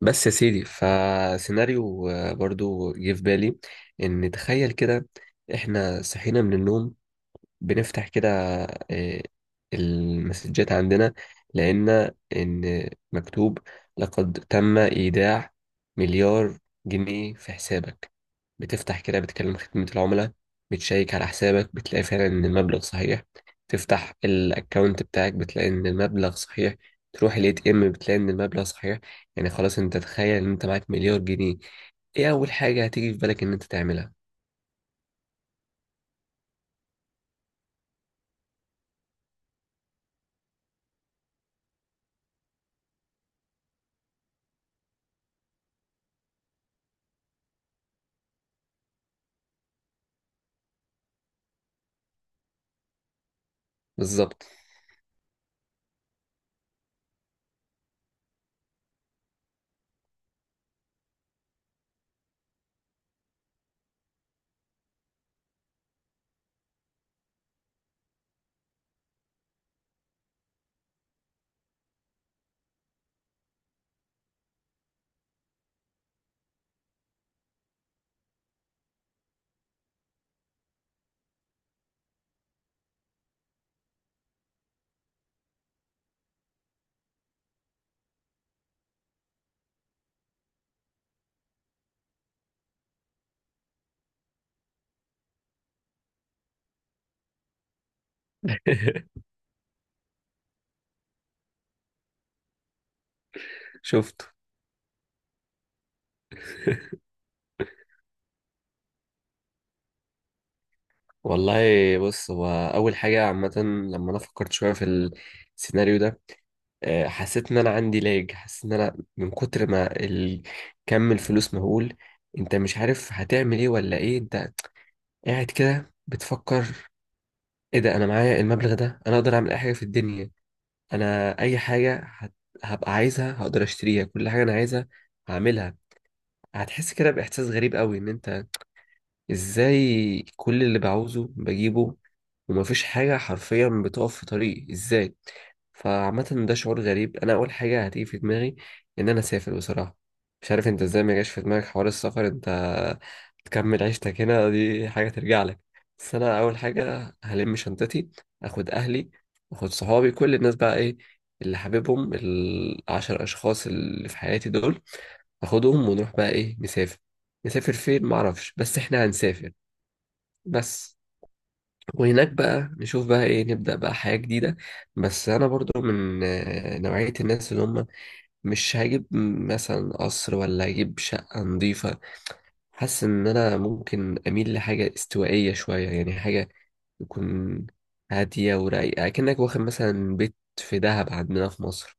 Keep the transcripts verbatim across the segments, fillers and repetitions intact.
بس يا سيدي فسيناريو آه، برضو جه في بالي ان تخيل كده. احنا صحينا من النوم بنفتح كده، آه، المسجات عندنا، لقينا إن مكتوب لقد تم إيداع مليار جنيه في حسابك. بتفتح كده بتكلم خدمة العملاء، بتشيك على حسابك بتلاقي فعلا إن المبلغ صحيح، تفتح الأكاونت بتاعك بتلاقي إن المبلغ صحيح، تروح الاي تي ام بتلاقي ان المبلغ صحيح. يعني خلاص انت تخيل ان انت معاك مليار جنيه، ايه اول حاجة هتيجي في بالك ان انت تعملها؟ بالظبط. شفت. والله. بص، هو أول حاجة عامة لما أنا فكرت شوية في السيناريو ده، آه، حسيت إن أنا عندي لاج. حسيت إن أنا من كتر ما ال- كم الفلوس مهول، أنت مش عارف هتعمل إيه ولا إيه. أنت قاعد كده بتفكر إيه ده، أنا معايا المبلغ ده أنا أقدر أعمل أي حاجة في الدنيا. أنا أي حاجة هت- هبقى عايزها هقدر أشتريها، كل حاجة أنا عايزها هعملها. هتحس كده بإحساس غريب قوي، إن أنت ازاي كل اللي بعوزه بجيبه، ومفيش حاجة حرفيا بتقف في طريقي ازاي. فعامة ده شعور غريب. انا اول حاجة هتيجي في دماغي ان انا اسافر بصراحة. مش عارف انت ازاي ما جاش في دماغك حوار السفر، انت تكمل عيشتك هنا، دي حاجة ترجع لك. بس انا اول حاجة هلم شنطتي، اخد اهلي، اخد صحابي، كل الناس بقى ايه اللي حاببهم، العشر اشخاص اللي في حياتي دول اخدهم ونروح بقى ايه نسافر. نسافر فين معرفش، بس احنا هنسافر بس. وهناك بقى نشوف بقى ايه، نبدأ بقى حياة جديدة. بس انا برضو من آه، نوعية الناس اللي هم مش هجيب مثلا قصر، ولا هجيب شقة نظيفة. حاسس ان انا ممكن اميل لحاجة استوائية شوية، يعني حاجة تكون هادية ورايقة، كأنك واخد مثلا بيت في دهب عندنا في مصر.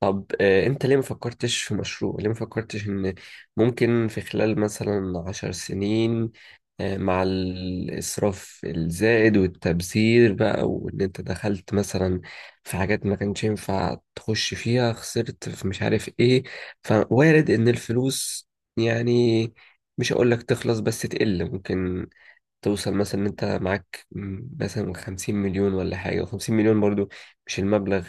طب آه، انت ليه ما فكرتش في مشروع؟ ليه ما فكرتش ان ممكن في خلال مثلا عشر سنين، آه، مع الاسراف الزائد والتبذير بقى، وان انت دخلت مثلا في حاجات ما كانش ينفع تخش فيها، خسرت في مش عارف ايه، فوارد ان الفلوس يعني، مش هقول لك تخلص، بس تقل، ممكن توصل مثلا ان انت معاك م، مثلا 50 مليون ولا حاجة. 50 مليون برضو مش المبلغ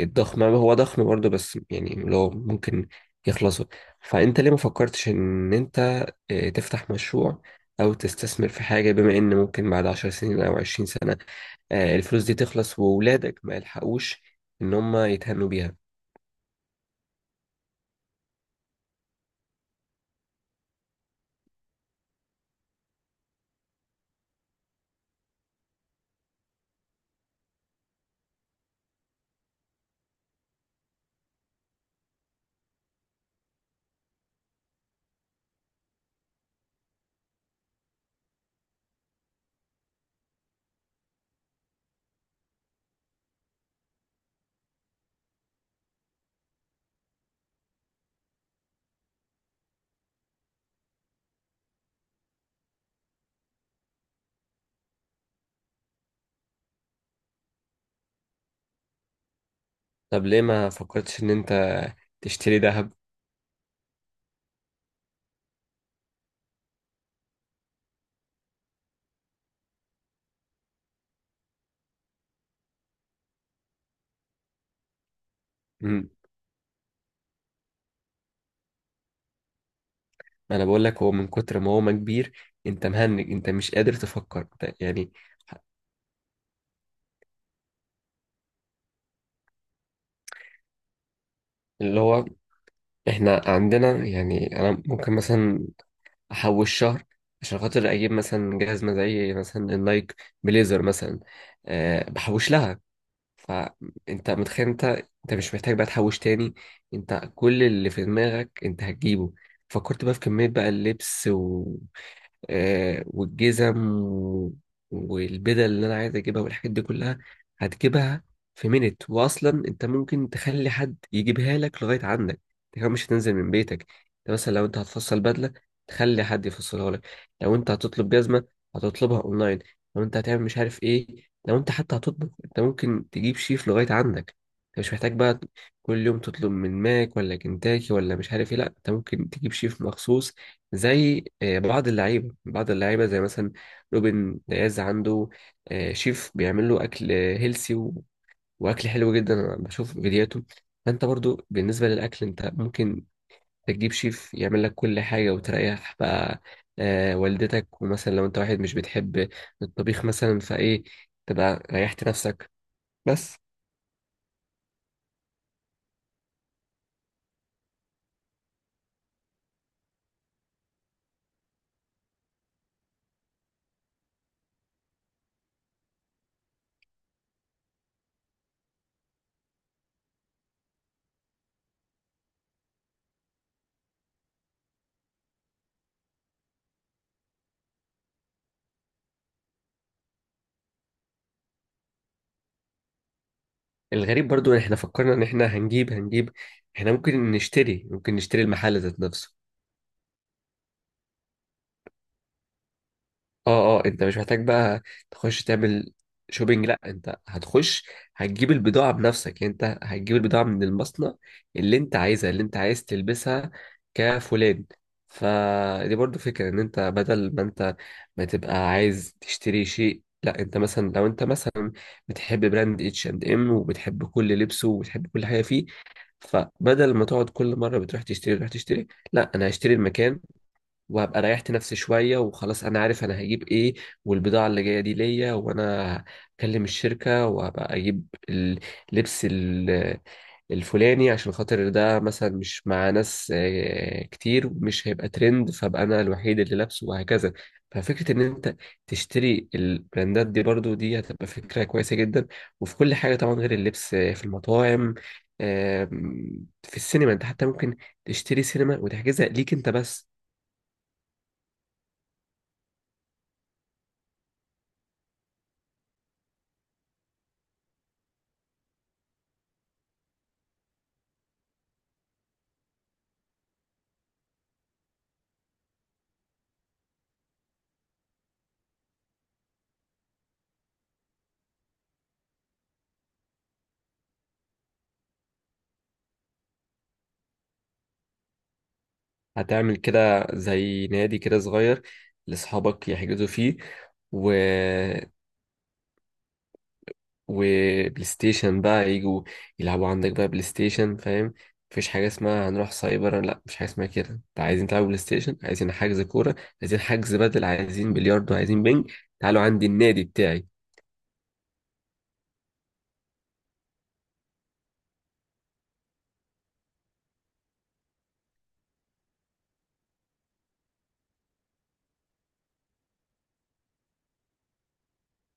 الضخم، هو ضخم برضه بس يعني لو ممكن يخلصوا. فانت ليه ما فكرتش ان انت آه، تفتح مشروع، او تستثمر في حاجة، بما ان ممكن بعد عشر سنين او عشرين سنة آه، الفلوس دي تخلص، وولادك ما يلحقوش ان هم يتهنوا بيها. طب ليه ما فكرتش ان انت تشتري ذهب؟ مم، انا بقول لك هو من كتر ما هو ما كبير، انت مهنج، انت مش قادر تفكر أنت يعني. اللي هو احنا عندنا، يعني انا ممكن مثلا احوش شهر عشان خاطر اجيب مثلا جهاز مزعج، مثلا النايك بليزر مثلا، أه بحوش لها. فانت متخيل انت، انت مش محتاج بقى تحوش تاني، انت كل اللي في دماغك انت هتجيبه. فكرت بقى في كمية بقى اللبس و... آه والجزم و... والبدل اللي انا عايز اجيبها والحاجات دي كلها هتجيبها في مينت. واصلا انت ممكن تخلي حد يجيبها لك لغاية عندك، انت كمان مش هتنزل من بيتك. انت مثلا لو انت هتفصل بدلة، تخلي حد يفصلها لك. لو انت هتطلب جزمة، هتطلبها اونلاين. لو انت هتعمل مش عارف ايه، لو انت حتى هتطبخ، انت ممكن تجيب شيف لغاية عندك. انت مش محتاج بقى كل يوم تطلب من ماك ولا كنتاكي ولا مش عارف ايه. لا انت ممكن تجيب شيف مخصوص، زي آه، بعض اللعيبة بعض اللعيبة زي مثلا روبن دياز، عنده آه، شيف بيعمل له اكل هيلسي واكل حلو جدا، انا بشوف فيديوهاته. فانت برضو بالنسبة للاكل انت ممكن تجيب شيف يعمل لك كل حاجة وتريح بقى آه والدتك. ومثلا لو انت واحد مش بتحب الطبيخ مثلا، فايه، تبقى ريحت نفسك بس. الغريب برضو ان احنا فكرنا ان احنا هنجيب هنجيب، احنا ممكن نشتري، ممكن نشتري المحل ذات نفسه. اه اه، انت مش محتاج بقى تخش تعمل شوبينج، لا انت هتخش هتجيب البضاعة بنفسك، يعني انت هتجيب البضاعة من المصنع اللي انت عايزها، اللي انت عايز تلبسها كفلان. فدي برضو فكرة، ان انت بدل ما انت ما تبقى عايز تشتري شيء، لا انت مثلا لو انت مثلا بتحب براند اتش اند ام، وبتحب كل لبسه وبتحب كل حاجة فيه، فبدل ما تقعد كل مرة بتروح تشتري، تروح تشتري، لا انا هشتري المكان، وهبقى ريحت نفسي شوية. وخلاص أنا عارف أنا هجيب إيه، والبضاعة اللي جاية دي ليا، وأنا هكلم الشركة وهبقى أجيب اللبس ال- الفلاني، عشان خاطر ده مثلا مش مع ناس آه، كتير، مش هيبقى ترند، فأبقى أنا الوحيد اللي لابسه، وهكذا. ففكرة إن أنت تشتري البراندات دي برضو، دي هتبقى فكرة كويسة جدا. وفي كل حاجة طبعا، غير اللبس آه، في المطاعم، آم، في السينما أنت حتى ممكن تشتري سينما وتحجزها ليك أنت بس. هتعمل كده زي نادي كده صغير لأصحابك يحجزوا فيه، و وبلاي ستيشن بقى يجوا يلعبوا عندك بقى بلاي ستيشن، فاهم؟ مفيش حاجة اسمها هنروح سايبر، لا مفيش حاجة اسمها كده. انت عايزين تلعبوا بلاي ستيشن، عايزين حجز كورة، عايزين حجز بدل، عايزين بلياردو، عايزين بينج، تعالوا عندي النادي بتاعي.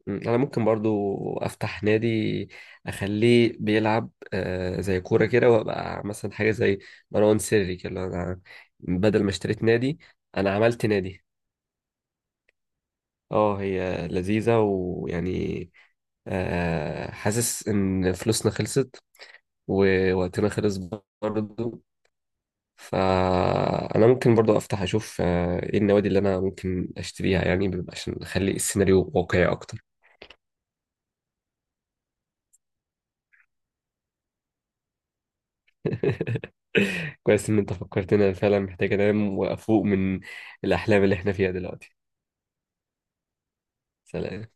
مم. انا ممكن برضو افتح نادي، اخليه بيلعب آه، زي كوره كده، وابقى مثلا حاجه زي مروان سري كده، اللي هو انا بدل ما اشتريت نادي، انا عملت نادي. اه هي لذيذه، ويعني آه، حاسس ان فلوسنا خلصت ووقتنا خلص برضو. فانا ممكن برضو افتح اشوف آه، ايه النوادي اللي انا ممكن اشتريها، يعني عشان اخلي السيناريو واقعي اكتر. كويس ان انت فكرتنا، فعلا محتاج انام وافوق من الاحلام اللي احنا فيها دلوقتي. سلام.